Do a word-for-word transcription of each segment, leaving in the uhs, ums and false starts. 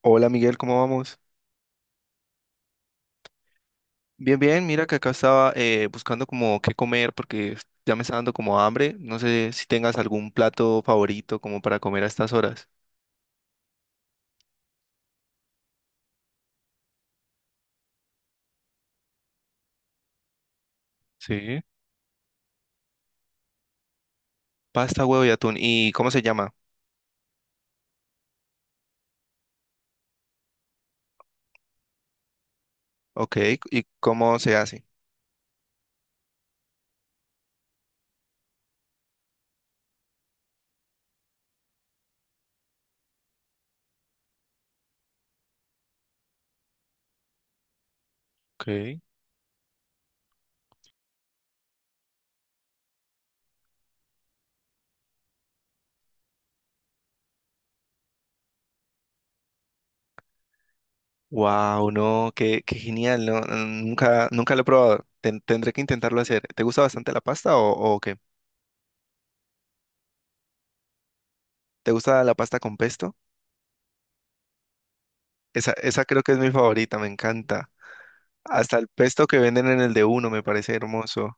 Hola Miguel, ¿cómo vamos? Bien, bien, mira que acá estaba eh, buscando como qué comer porque ya me está dando como hambre. No sé si tengas algún plato favorito como para comer a estas horas. Sí. Pasta, huevo y atún. ¿Y cómo se llama? Ok, ¿y cómo se hace? Ok. Wow, no, qué, qué genial, no. Mm, nunca, nunca lo he probado. Ten- tendré que intentarlo hacer. ¿Te gusta bastante la pasta o, o qué? ¿Te gusta la pasta con pesto? Esa, esa creo que es mi favorita, me encanta. Hasta el pesto que venden en el de uno me parece hermoso.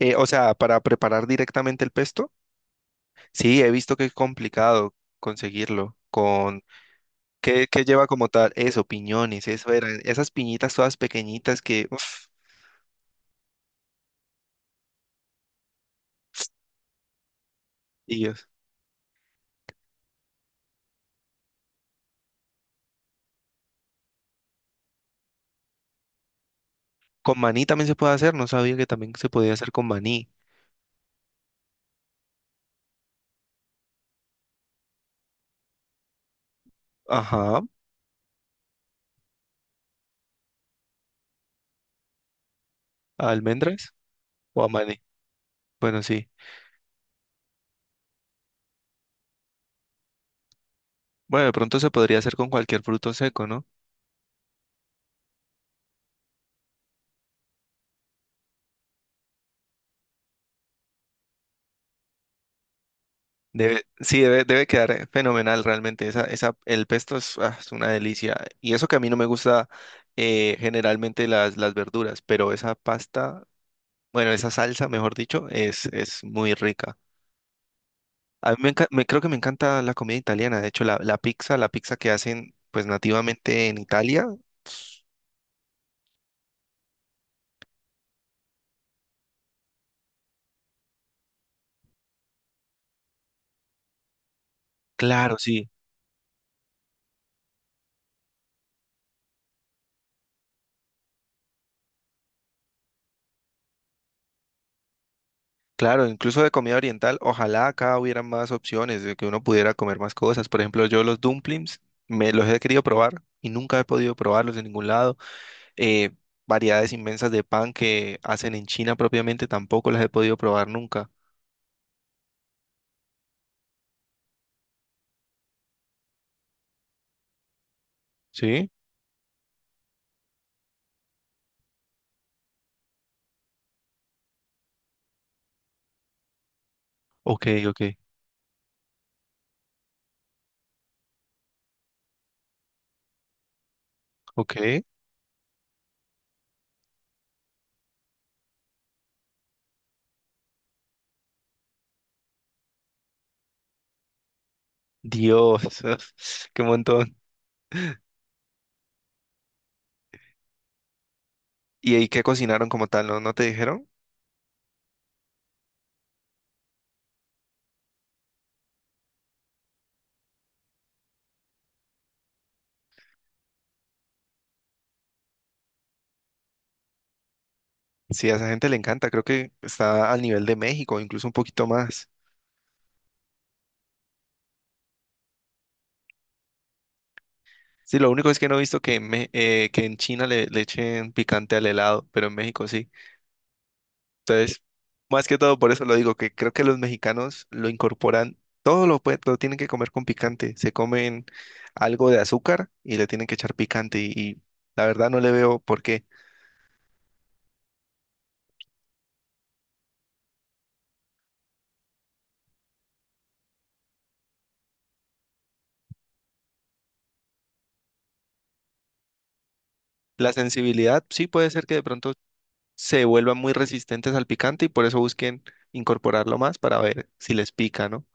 Eh, o sea, para preparar directamente el pesto, sí, he visto que es complicado conseguirlo. Con ¿qué, qué lleva como tal? Eso, piñones, eso eran, esas piñitas todas pequeñitas que, uff, Dios. Con maní también se puede hacer, no sabía que también se podía hacer con maní. Ajá, ¿a almendras o a maní? Bueno, sí. Bueno, de pronto se podría hacer con cualquier fruto seco, ¿no? Debe, sí, debe, debe quedar fenomenal realmente. Esa, esa, el pesto es, ah, es una delicia. Y eso que a mí no me gusta eh, generalmente las, las verduras, pero esa pasta, bueno, esa salsa, mejor dicho, es, es muy rica. A mí me, enca- me- creo que me encanta la comida italiana. De hecho, la, la pizza, la pizza que hacen pues nativamente en Italia, claro, sí. Claro, incluso de comida oriental, ojalá acá hubiera más opciones, de que uno pudiera comer más cosas. Por ejemplo, yo los dumplings me los he querido probar y nunca he podido probarlos en ningún lado. eh, Variedades inmensas de pan que hacen en China propiamente, tampoco las he podido probar nunca. ¿Sí? Ok, ok, ok. Dios, qué montón. ¿Y ahí qué cocinaron como tal? ¿No, no te dijeron? Sí, a esa gente le encanta, creo que está al nivel de México, incluso un poquito más. Sí, lo único es que no he visto que en, Me- eh, que en China le, le echen picante al helado, pero en México sí. Entonces, más que todo por eso lo digo, que creo que los mexicanos lo incorporan, todo lo, pue- lo tienen que comer con picante, se comen algo de azúcar y le tienen que echar picante y, y la verdad no le veo por qué. La sensibilidad sí puede ser que de pronto se vuelvan muy resistentes al picante y por eso busquen incorporarlo más para ver si les pica, ¿no?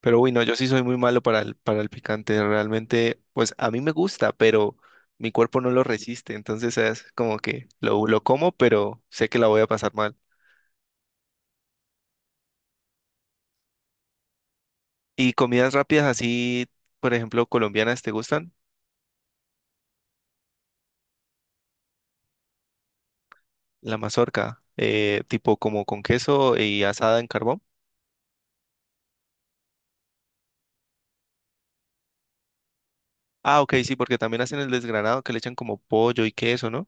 Pero bueno, yo sí soy muy malo para el, para el picante. Realmente, pues a mí me gusta, pero mi cuerpo no lo resiste. Entonces es como que lo, lo como, pero sé que la voy a pasar mal. ¿Y comidas rápidas así, por ejemplo, colombianas, te gustan? La mazorca, eh, tipo como con queso y asada en carbón. Ah, ok, sí, porque también hacen el desgranado que le echan como pollo y queso, ¿no?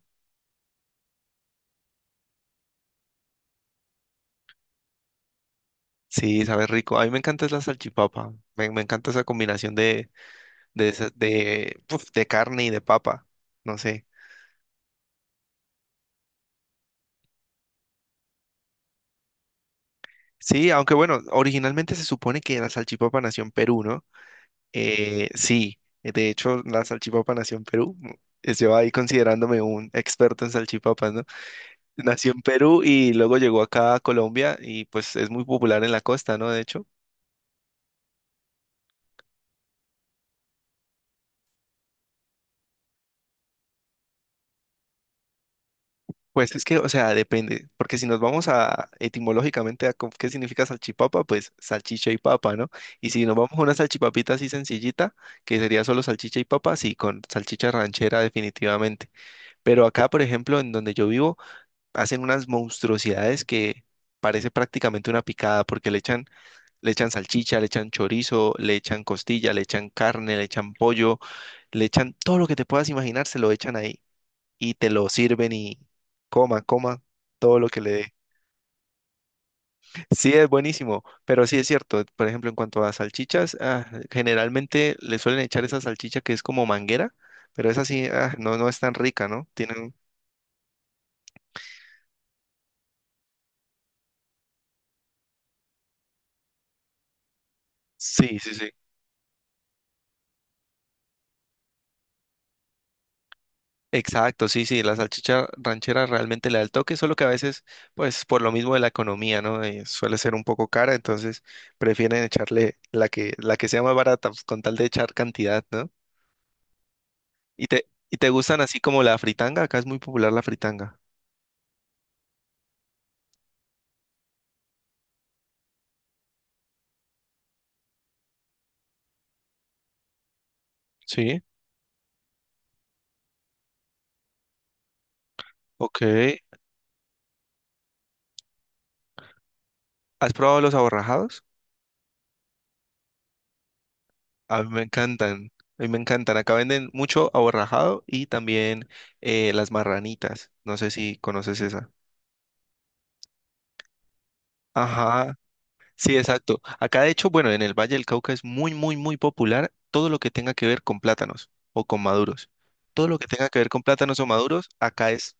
Sí, sabe rico. A mí me encanta es la salchipapa. Me, me encanta esa combinación de, de, esa- de, uf, de carne y de papa. No sé. Sí, aunque bueno, originalmente se supone que la salchipapa nació en Perú, ¿no? Eh, sí, de hecho, la salchipapa nació en Perú. Es yo ahí considerándome un experto en salchipapas, ¿no? Nació en Perú y luego llegó acá a Colombia y pues es muy popular en la costa, ¿no? De hecho, pues es que, o sea, depende, porque si nos vamos a etimológicamente a co- qué significa salchipapa, pues salchicha y papa, ¿no? Y si nos vamos a una salchipapita así sencillita, que sería solo salchicha y papa, sí, con salchicha ranchera definitivamente. Pero acá, por ejemplo, en donde yo vivo, hacen unas monstruosidades que parece prácticamente una picada, porque le echan, le echan salchicha, le echan chorizo, le echan costilla, le echan carne, le echan pollo, le echan todo lo que te puedas imaginar, se lo echan ahí y te lo sirven y coma, coma todo lo que le dé. Sí, es buenísimo, pero sí es cierto. Por ejemplo, en cuanto a salchichas, ah, generalmente le suelen echar esa salchicha que es como manguera, pero esa sí, ah, no, no es tan rica, ¿no? Tienen, sí, sí, sí. Exacto, sí, sí, la salchicha ranchera realmente le da el toque, solo que a veces, pues por lo mismo de la economía, ¿no? Eh, suele ser un poco cara, entonces prefieren echarle la que, la que sea más barata, pues, con tal de echar cantidad, ¿no? ¿Y te, ¿y te gustan así como la fritanga? Acá es muy popular la fritanga. Sí, ok. ¿Has probado los aborrajados? A mí me encantan, a mí me encantan. Acá venden mucho aborrajado y también eh, las marranitas. No sé si conoces esa. Ajá, sí, exacto. Acá, de hecho, bueno, en el Valle del Cauca es muy, muy, muy popular todo lo que tenga que ver con plátanos o con maduros. Todo lo que tenga que ver con plátanos o maduros, acá es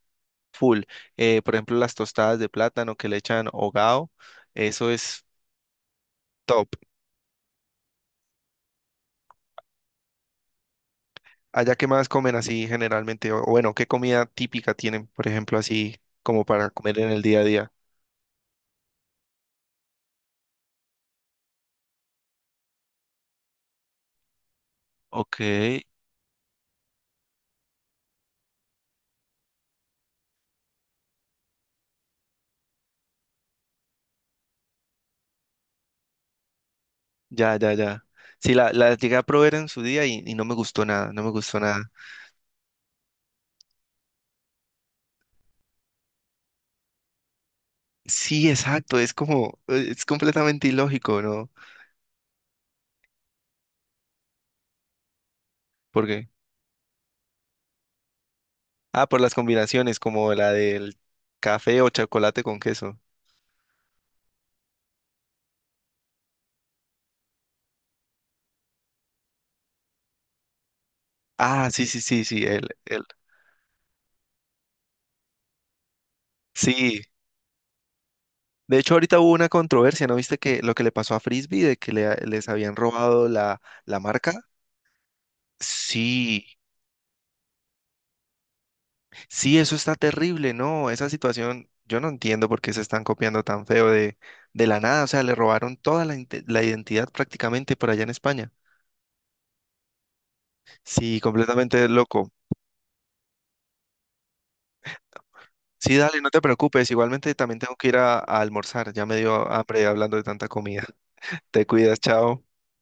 full. Eh, por ejemplo, las tostadas de plátano que le echan hogao, eso es top. Allá, ¿qué más comen así generalmente? O o bueno, ¿qué comida típica tienen, por ejemplo, así como para comer en el día a día? Ok, ya, ya, ya. Sí, la, la llegué a probar en su día y, y no me gustó nada, no me gustó nada. Sí, exacto, es como, eh, es completamente ilógico, ¿no? Porque, ah, por las combinaciones, como la del café o chocolate con queso. Ah, sí, sí, sí, sí, él, él. Sí, de hecho ahorita hubo una controversia, ¿no viste que lo que le pasó a Frisbee de que le- les habían robado la, la marca? Sí, sí, eso está terrible, ¿no? Esa situación, yo no entiendo por qué se están copiando tan feo de, de la nada, o sea, le robaron toda la, inte- la identidad prácticamente por allá en España. Sí, completamente loco. Sí, dale, no te preocupes. Igualmente también tengo que ir a, a almorzar. Ya me dio hambre hablando de tanta comida. Te cuidas, chao.